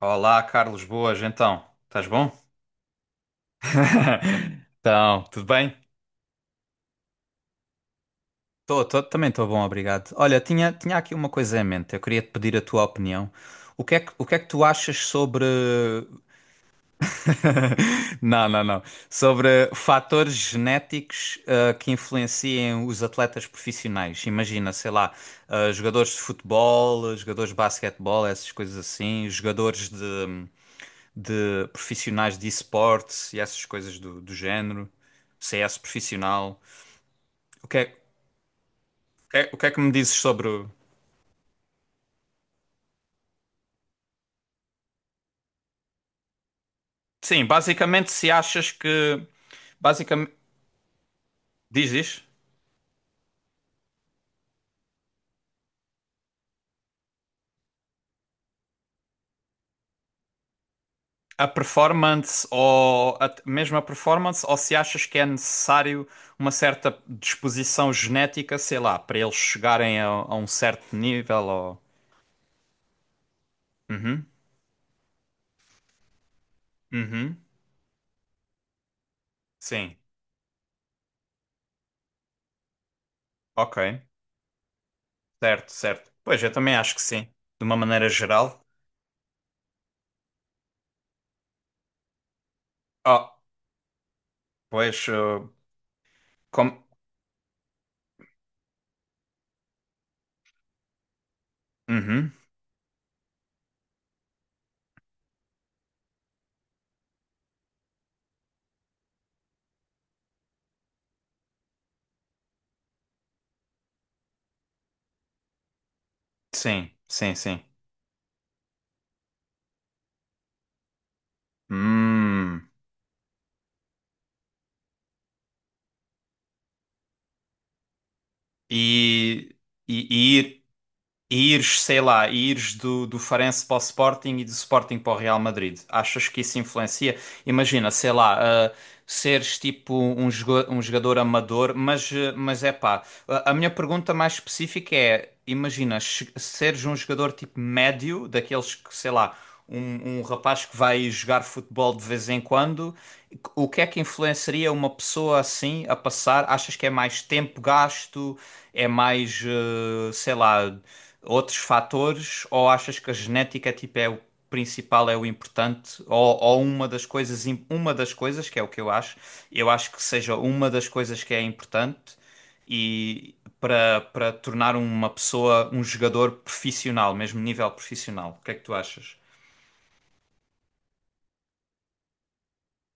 Olá, Carlos, boas, então. Estás bom? Então, tudo bem? Também estou bom, obrigado. Olha, tinha aqui uma coisa em mente. Eu queria te pedir a tua opinião. O que é que tu achas sobre. Não, não, não. Sobre fatores genéticos que influenciem os atletas profissionais. Imagina, sei lá, jogadores de futebol, jogadores de basquetebol, essas coisas assim, jogadores de. De profissionais de esportes e essas coisas do, do género, CS profissional. O que é, o que é que me dizes sobre. Sim, basicamente, se achas que. Basicamente, diz. A performance ou a, mesmo a performance, ou se achas que é necessário uma certa disposição genética, sei lá, para eles chegarem a um certo nível ou. Uhum, uhum, sim, ok, certo, certo. Pois eu também acho que sim, de uma maneira geral. Oh, pois, com... Uhum. Sim, sim, sim. Hum. E, e, e E ires, sei lá, e ires do, do Farense para o Sporting e do Sporting para o Real Madrid. Achas que isso influencia? Imagina, sei lá, ah, seres tipo um, jogo, um jogador amador, mas, mas é pá. A minha pergunta mais específica é: imagina, seres um jogador tipo médio, daqueles que, sei lá, um rapaz que vai jogar futebol de vez em quando, o que é que influenciaria uma pessoa assim a passar? Achas que é mais tempo gasto? É mais, sei lá, outros fatores? Ou achas que a genética tipo, é o principal, é o importante? Ou uma das coisas, uma das coisas, que é o que eu acho que seja uma das coisas que é importante e para para tornar uma pessoa um jogador profissional, mesmo nível profissional. O que é que tu achas?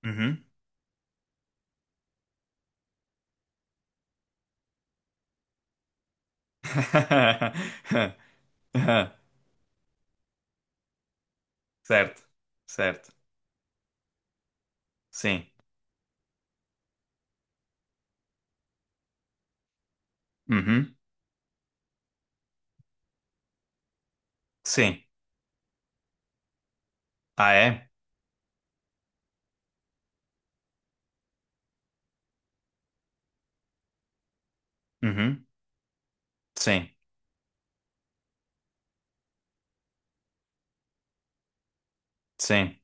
Uhum. Certo, certo. Sim. Uhum. Sim. Ah, é? Uhum. Sim, sim.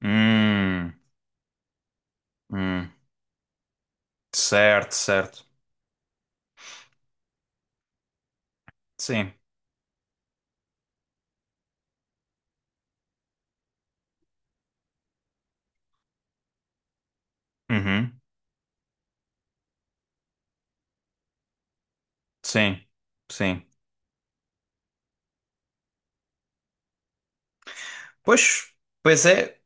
Hum, hum, certo, certo. Sim. Uhum, sim, sim. Pois, pois é,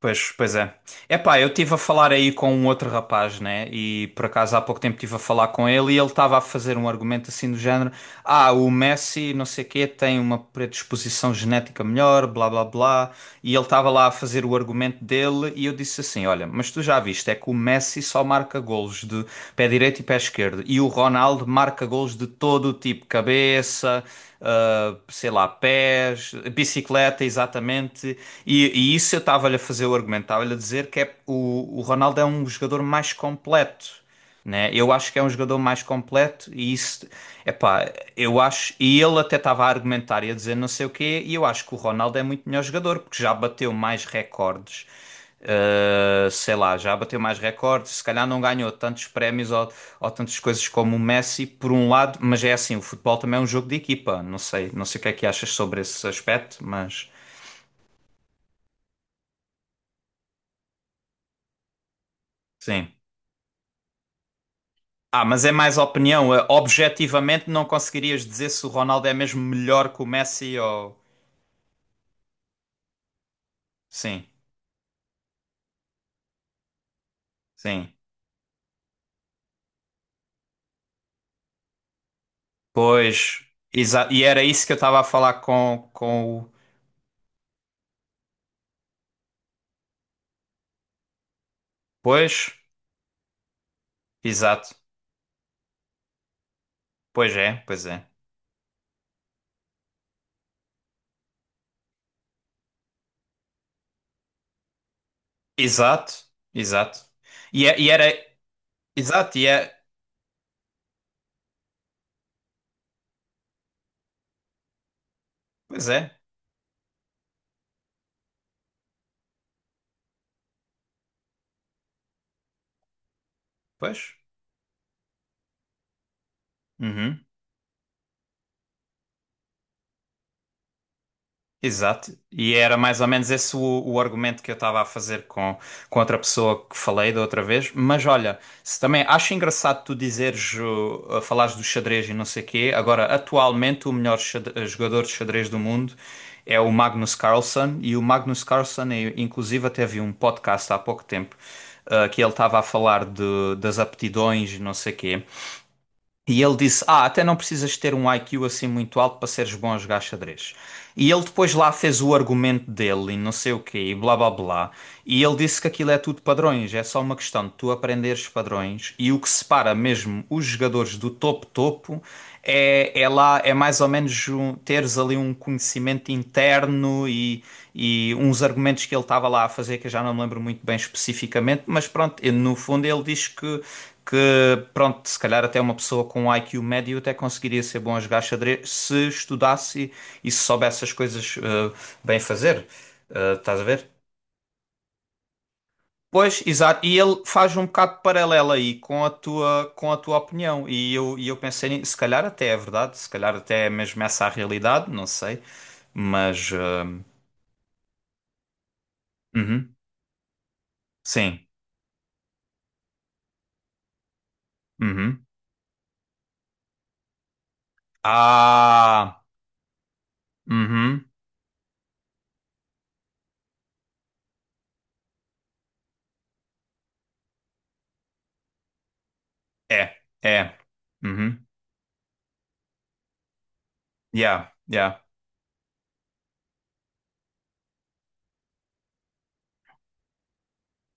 pois, pois é. Epá, eu estive a falar aí com um outro rapaz, né? E por acaso há pouco tempo estive a falar com ele e ele estava a fazer um argumento assim do género: ah, o Messi, não sei quê, tem uma predisposição genética melhor, blá blá blá. E ele estava lá a fazer o argumento dele e eu disse assim: olha, mas tu já viste, é que o Messi só marca golos de pé direito e pé esquerdo e o Ronaldo marca golos de todo o tipo, cabeça, sei lá, pés, bicicleta, exatamente. E isso eu estava-lhe a fazer o argumento, estava-lhe a dizer que é, o Ronaldo é um jogador mais completo, né? Eu acho que é um jogador mais completo e isso, epá, eu acho, e ele até estava a argumentar e a dizer não sei o quê, e eu acho que o Ronaldo é muito melhor jogador, porque já bateu mais recordes, sei lá, já bateu mais recordes, se calhar não ganhou tantos prémios ou tantas coisas como o Messi, por um lado, mas é assim, o futebol também é um jogo de equipa, não sei, não sei o que é que achas sobre esse aspecto, mas sim. Ah, mas é mais opinião. Objetivamente, não conseguirias dizer se o Ronaldo é mesmo melhor que o Messi ou. Sim, sim. Pois, exato. E era isso que eu estava a falar com o. Pois, exato. Pois é, pois é. Exato, exato. E era. Exato, e é. Pois é, pois. Uhum. Exato, e era mais ou menos esse o argumento que eu estava a fazer com outra pessoa que falei da outra vez. Mas olha, se também acho engraçado tu dizeres, falares do xadrez e não sei quê. Agora, atualmente, o melhor jogador de xadrez do mundo é o Magnus Carlsen, e o Magnus Carlsen, inclusive, até vi um podcast há pouco tempo, que ele estava a falar de, das aptidões e não sei quê. E ele disse: Ah, até não precisas ter um IQ assim muito alto para seres bom a jogar xadrez. E ele depois lá fez o argumento dele e não sei o quê, e blá blá blá. E ele disse que aquilo é tudo padrões, é só uma questão de tu aprenderes padrões. E o que separa mesmo os jogadores do topo-topo é, é mais ou menos teres ali um conhecimento interno e uns argumentos que ele estava lá a fazer, que eu já não me lembro muito bem especificamente, mas pronto, e no fundo ele diz que pronto, se calhar até uma pessoa com um IQ médio até conseguiria ser bom a jogar xadrez se estudasse e se soubesse as coisas bem fazer. Estás a ver? Pois, exato, e ele faz um bocado de paralelo aí com a tua opinião. E eu pensei, se calhar até é verdade, se calhar até é mesmo essa a realidade, não sei, mas. Uhum, sim. Uhum. Ah! Uhum. É, é. Uhum. Yeah, yeah.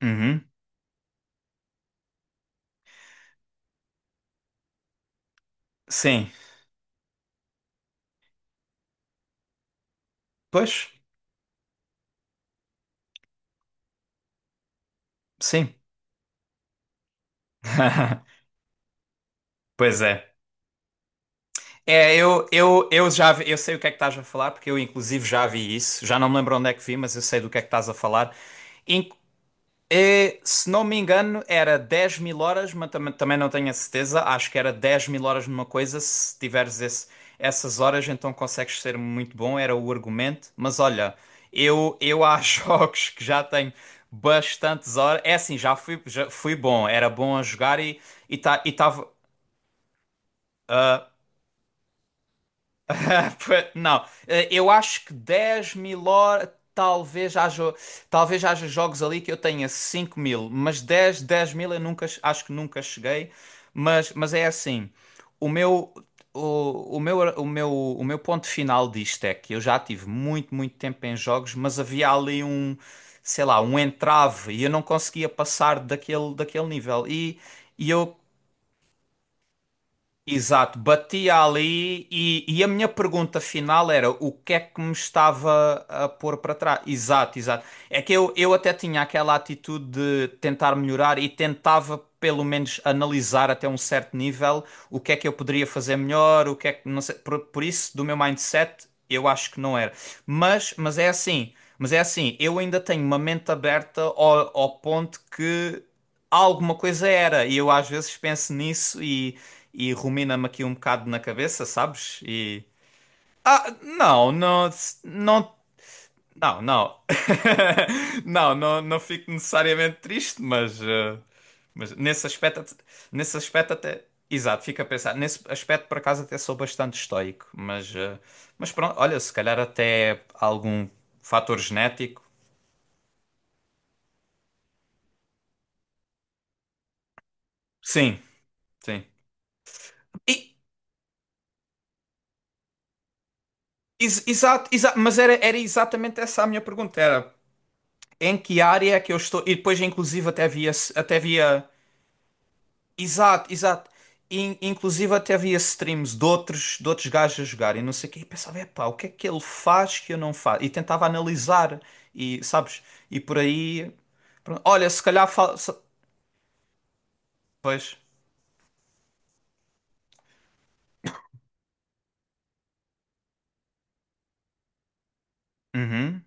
Uhum. Sim. Pois, sim. Pois é. É, eu sei o que é que estás a falar, porque eu inclusive já vi isso. Já não me lembro onde é que vi, mas eu sei do que é que estás a falar. Se não me engano, era 10.000 horas, mas tam também não tenho a certeza. Acho que era 10.000 horas numa coisa. Se tiveres esse- Essas horas, então consegues ser muito bom. Era o argumento. Mas olha, eu há jogos que já tenho bastantes horas. É assim, já fui bom. Era bom a jogar e estava. Não, eu acho que 10.000 horas. Talvez haja, talvez haja jogos ali que eu tenha 5.000, mas 10 10 mil eu nunca, acho que nunca cheguei. Mas é assim: o meu, o meu ponto final disto é que eu já tive muito, muito tempo em jogos, mas havia ali um, sei lá, um entrave e eu não conseguia passar daquele, daquele nível. E eu Exato, batia ali e a minha pergunta final era o que é que me estava a pôr para trás? Exato, exato. É que eu até tinha aquela atitude de tentar melhorar e tentava pelo menos analisar até um certo nível o que é que eu poderia fazer melhor, o que é que não sei, por isso do meu mindset eu acho que não era. Mas é assim, mas, é assim, eu ainda tenho uma mente aberta ao, ao ponto que alguma coisa era. E eu às vezes penso nisso e rumina-me aqui um bocado na cabeça, sabes? E. Ah, não, não, não, não, não. Não, não, não fico necessariamente triste, mas, mas nesse aspecto, nesse aspecto até. Exato, fico a pensar. Nesse aspecto, por acaso, até sou bastante estoico, mas, mas pronto, olha, se calhar até algum fator genético. Sim, sim. E, mas era, era exatamente essa a minha pergunta, era em que área é que eu estou, e depois inclusive até havia exato, exato, inclusive até havia streams de outros gajos a jogarem, não sei o quê, e pensava, epá, o que é que ele faz que eu não faço? E tentava analisar, e sabes, e por aí, pronto. Olha, se calhar, pois, uhum,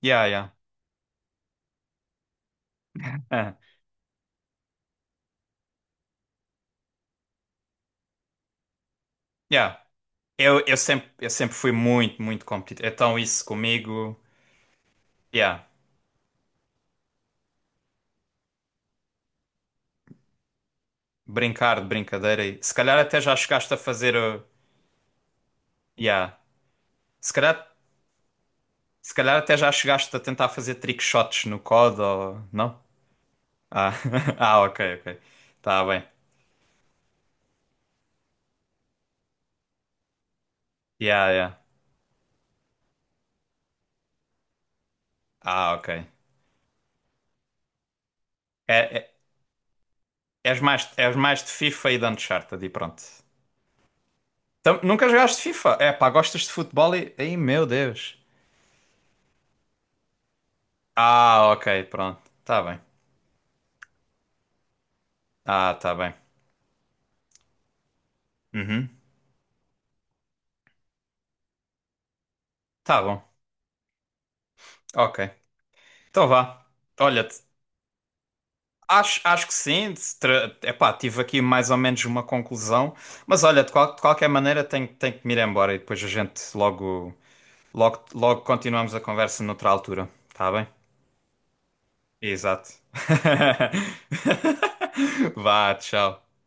yeah, yeah, ah, yeah, eu sempre fui muito, muito competitivo, então isso comigo, yeah. Brincar de brincadeira. E se calhar até já chegaste a fazer. Yeah. Se calhar, se calhar até já chegaste a tentar fazer trick shots no COD ou. Não? Ah, ah ok, ok. Tá bem. Yeah, yeah. Ah, ok. É, é- és mais de FIFA e de Uncharted e pronto. Nunca jogaste FIFA? É pá, gostas de futebol e. Ai, meu Deus. Ah, ok, pronto. Tá bem. Ah, tá bem. Uhum. Tá bom. Ok. Então vá. Olha, acho que sim, epá, tive aqui mais ou menos uma conclusão, mas olha, de, de qualquer maneira tenho que me ir embora e depois a gente logo, logo continuamos a conversa noutra altura, tá bem? Exato. Vá, tchau.